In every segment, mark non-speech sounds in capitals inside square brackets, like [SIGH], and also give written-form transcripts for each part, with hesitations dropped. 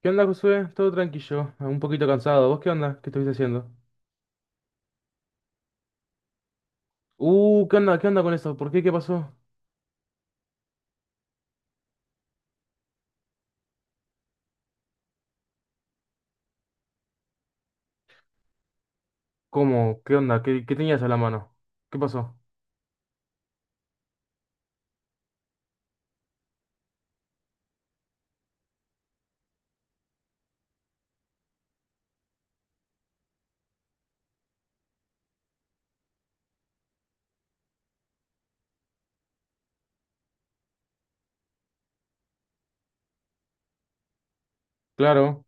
¿Qué onda, Josué? Todo tranquilo, un poquito cansado. ¿Vos qué onda? ¿Qué estuviste haciendo? ¿Qué onda? ¿Qué onda con eso? ¿Por qué? ¿Qué pasó? ¿Cómo? ¿Qué onda? ¿Qué tenías a la mano? ¿Qué pasó? Claro.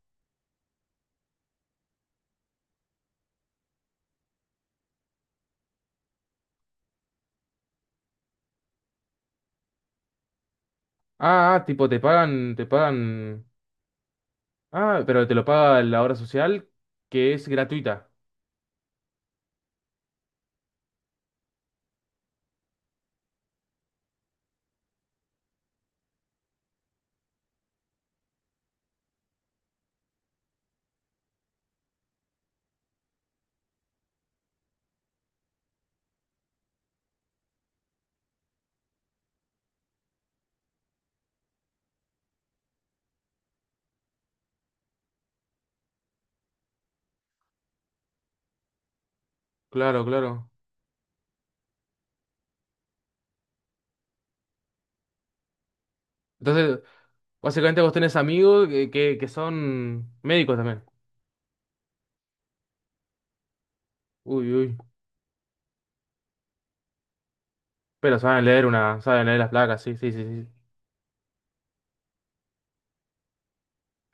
Ah, ah, tipo, te pagan, te pagan. Ah, pero te lo paga la obra social, que es gratuita. Claro, claro. Entonces, básicamente vos tenés amigos que, que son médicos también. Uy, uy. Pero saben leer una, saben leer las placas, sí, sí, sí,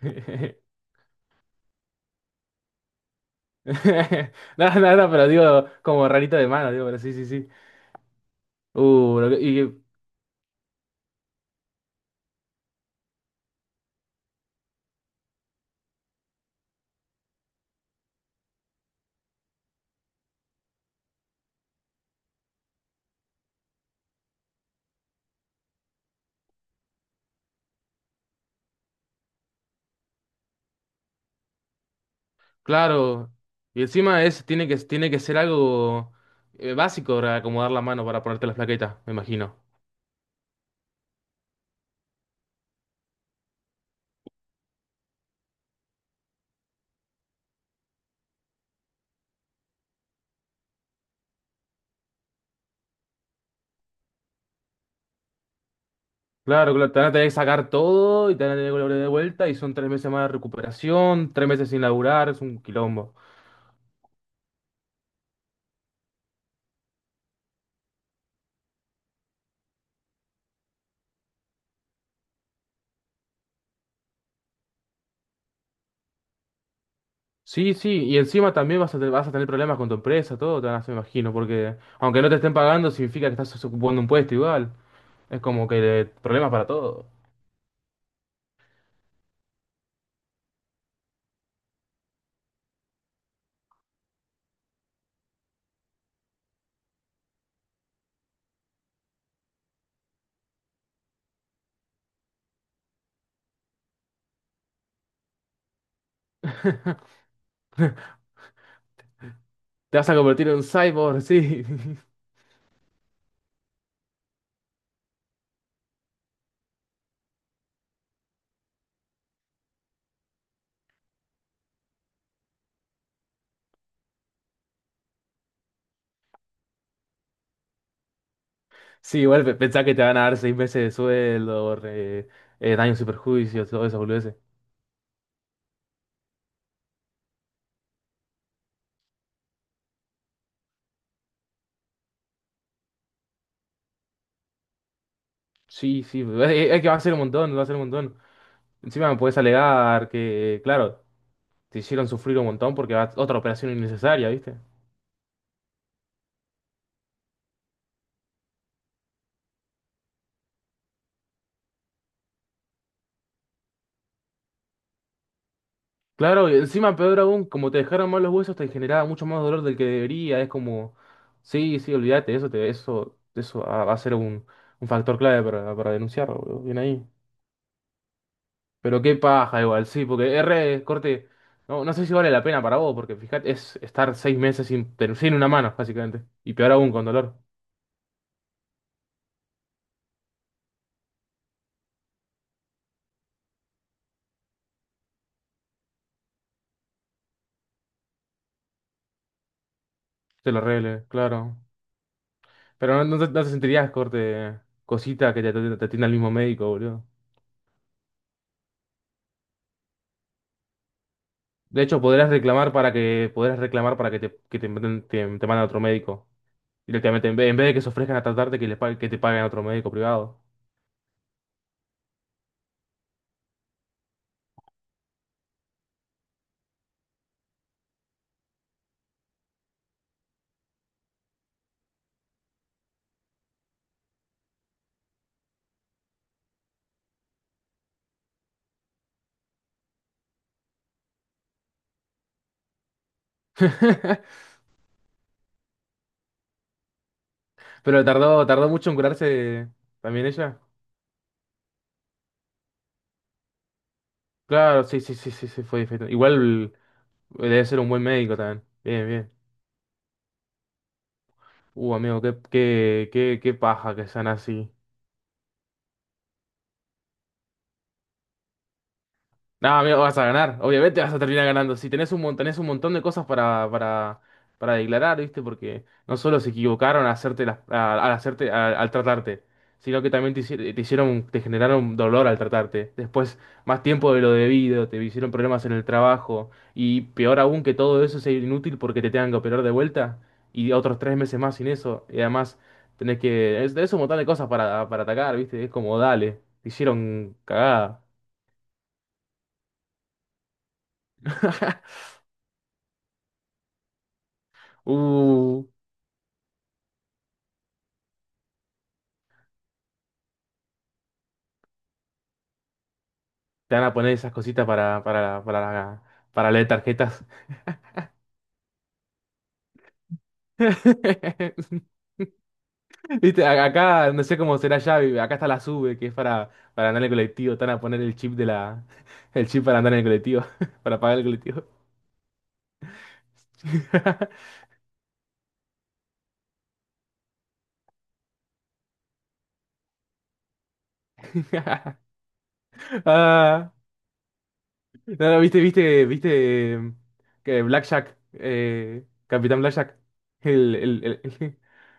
sí. [LAUGHS] [LAUGHS] No, no, no, pero digo, como rarito de mano, digo, pero sí, sí, sí. Y claro, y encima es, tiene que ser algo básico para acomodar la mano para ponerte las plaquetas, me imagino. Claro, claro, te van a tener que sacar todo y te van a tener que volver de vuelta y son tres meses más de recuperación, 3 meses sin laburar, es un quilombo. Sí, sí, y encima también vas a tener problemas con tu empresa, todo te van a hacer, me imagino, porque aunque no te estén pagando, significa que estás ocupando un puesto igual. Es como que problemas para todo. [LAUGHS] [LAUGHS] Te vas a convertir en un cyborg, sí. [LAUGHS] Sí, igual pensá que te van a dar 6 meses de sueldo, daños y perjuicios, todo eso, boludeces. Sí, sí, es que va a ser un montón, va a ser un montón. Encima me puedes alegar que, claro, te hicieron sufrir un montón porque va otra operación innecesaria, ¿viste? Claro, y encima peor aún, como te dejaron mal los huesos, te generaba mucho más dolor del que debería. Es como, sí, sí, olvídate, eso te, eso va a ser un factor clave para denunciarlo, boludo. Bien ahí. Pero qué paja igual, sí, porque R, corte, no, no sé si vale la pena para vos, porque fíjate, es estar 6 meses sin, pero sin una mano, básicamente. Y peor aún, con dolor. Se lo arregle, claro. Pero no, no te, no te sentirías, corte, cosita que te, te atienda el mismo médico, boludo. De hecho, podrás reclamar para que, podrás reclamar para que te, te manden a otro médico. Directamente, en vez de que se ofrezcan a tratarte, que, que te paguen a otro médico privado. [LAUGHS] Pero tardó, tardó mucho en curarse también ella. Claro, sí, sí, sí, sí, sí, fue diferente. Igual. Debe ser un buen médico también. Bien, bien. Amigo, qué, qué, qué, qué paja que sean así. No, amigo, vas a ganar. Obviamente vas a terminar ganando. Si tenés un montón, tenés un montón de cosas para declarar, ¿viste? Porque no solo se equivocaron al hacerte, al, al tratarte, sino que también te hicieron, te generaron dolor al tratarte. Después, más tiempo de lo debido, te hicieron problemas en el trabajo. Y peor aún que todo eso sea inútil porque te tengan que operar de vuelta. Y otros 3 meses más sin eso. Y además, tenés que. Es, tenés un montón de cosas para atacar, ¿viste? Es como, dale, te hicieron cagada. [LAUGHS] Uh, te van a poner esas cositas para leer tarjetas. [LAUGHS] Viste, acá, no sé cómo será ya, acá está la SUBE, que es para andar en el colectivo. Te van a poner el chip de la, [LAUGHS] el chip para andar en el colectivo, [LAUGHS] para pagar el colectivo. [LAUGHS] Ah, no, no, viste, viste, viste que Blackjack, Capitán Blackjack, el, [LAUGHS] el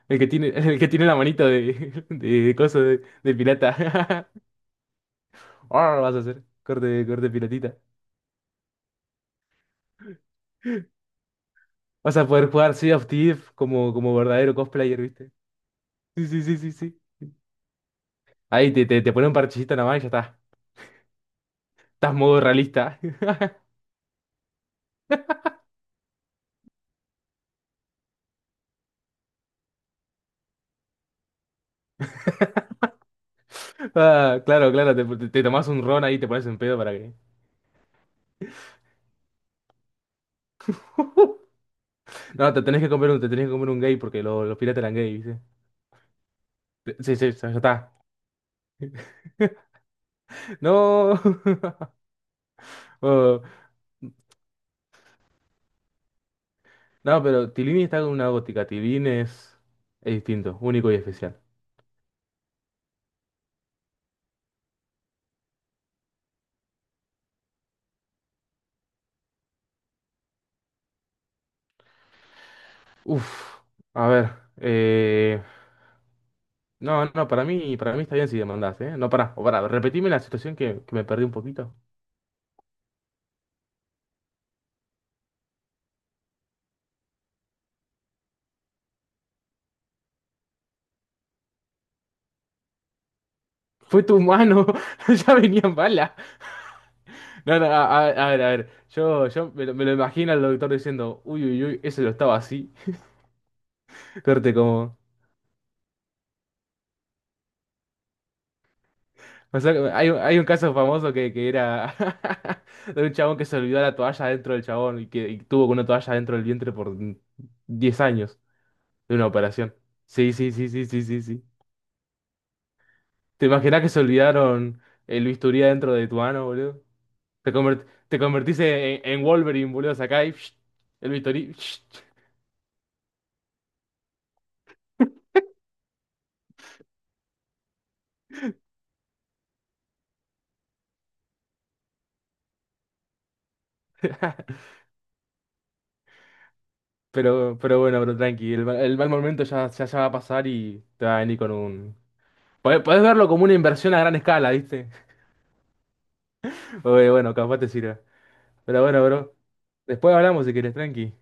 el que tiene, el que tiene la manito de, [LAUGHS] de, coso de pirata. [LAUGHS] Ahora lo vas a hacer. Corte, corte pilotita. Vas a poder jugar Sea of Thieves como, como verdadero cosplayer, ¿viste? Sí, sí, sí, sí, sí. Ahí te, te, te pone un parchecito nada más y ya está. Estás modo realista. [LAUGHS] Ah, claro, claro, te tomás un ron ahí y te pones en pedo para que. [LAUGHS] No, te tenés que comer un, te tenés que comer un gay porque los piratas eran gay, ¿viste? Sí, sí, ya ya está. No. [LAUGHS] Oh, no, pero Tilini está con una gótica. Tilín es distinto, único y especial. Uf, a ver. eh, No, no, para mí está bien si demandás, ¿eh? No, pará, o pará, repetime la situación que me perdí un poquito. [LAUGHS] Fue tu mano, [LAUGHS] ya venían balas. No, no, a, a ver, a ver. Yo me lo imagino al doctor diciendo, uy, uy, uy, ese lo estaba así. [LAUGHS] Corte como. O sea, hay, hay un caso famoso que era [LAUGHS] de un chabón que se olvidó la toalla dentro del chabón y que y tuvo con una toalla dentro del vientre por 10 años de una operación. Sí, sí, sí, sí, sí, sí, sí. ¿Te imaginas que se olvidaron el bisturí dentro de tu mano, boludo? Te, te convertiste en Wolverine, boludo, acá y psh, el Victory. [LAUGHS] Pero bueno, pero tranqui, el, el mal momento ya, ya, ya va a pasar y te va a venir con un... Podés, podés verlo como una inversión a gran escala, ¿viste? [LAUGHS] Oye, bueno, capaz te sirva. Pero bueno, bro. Después hablamos si querés, tranqui.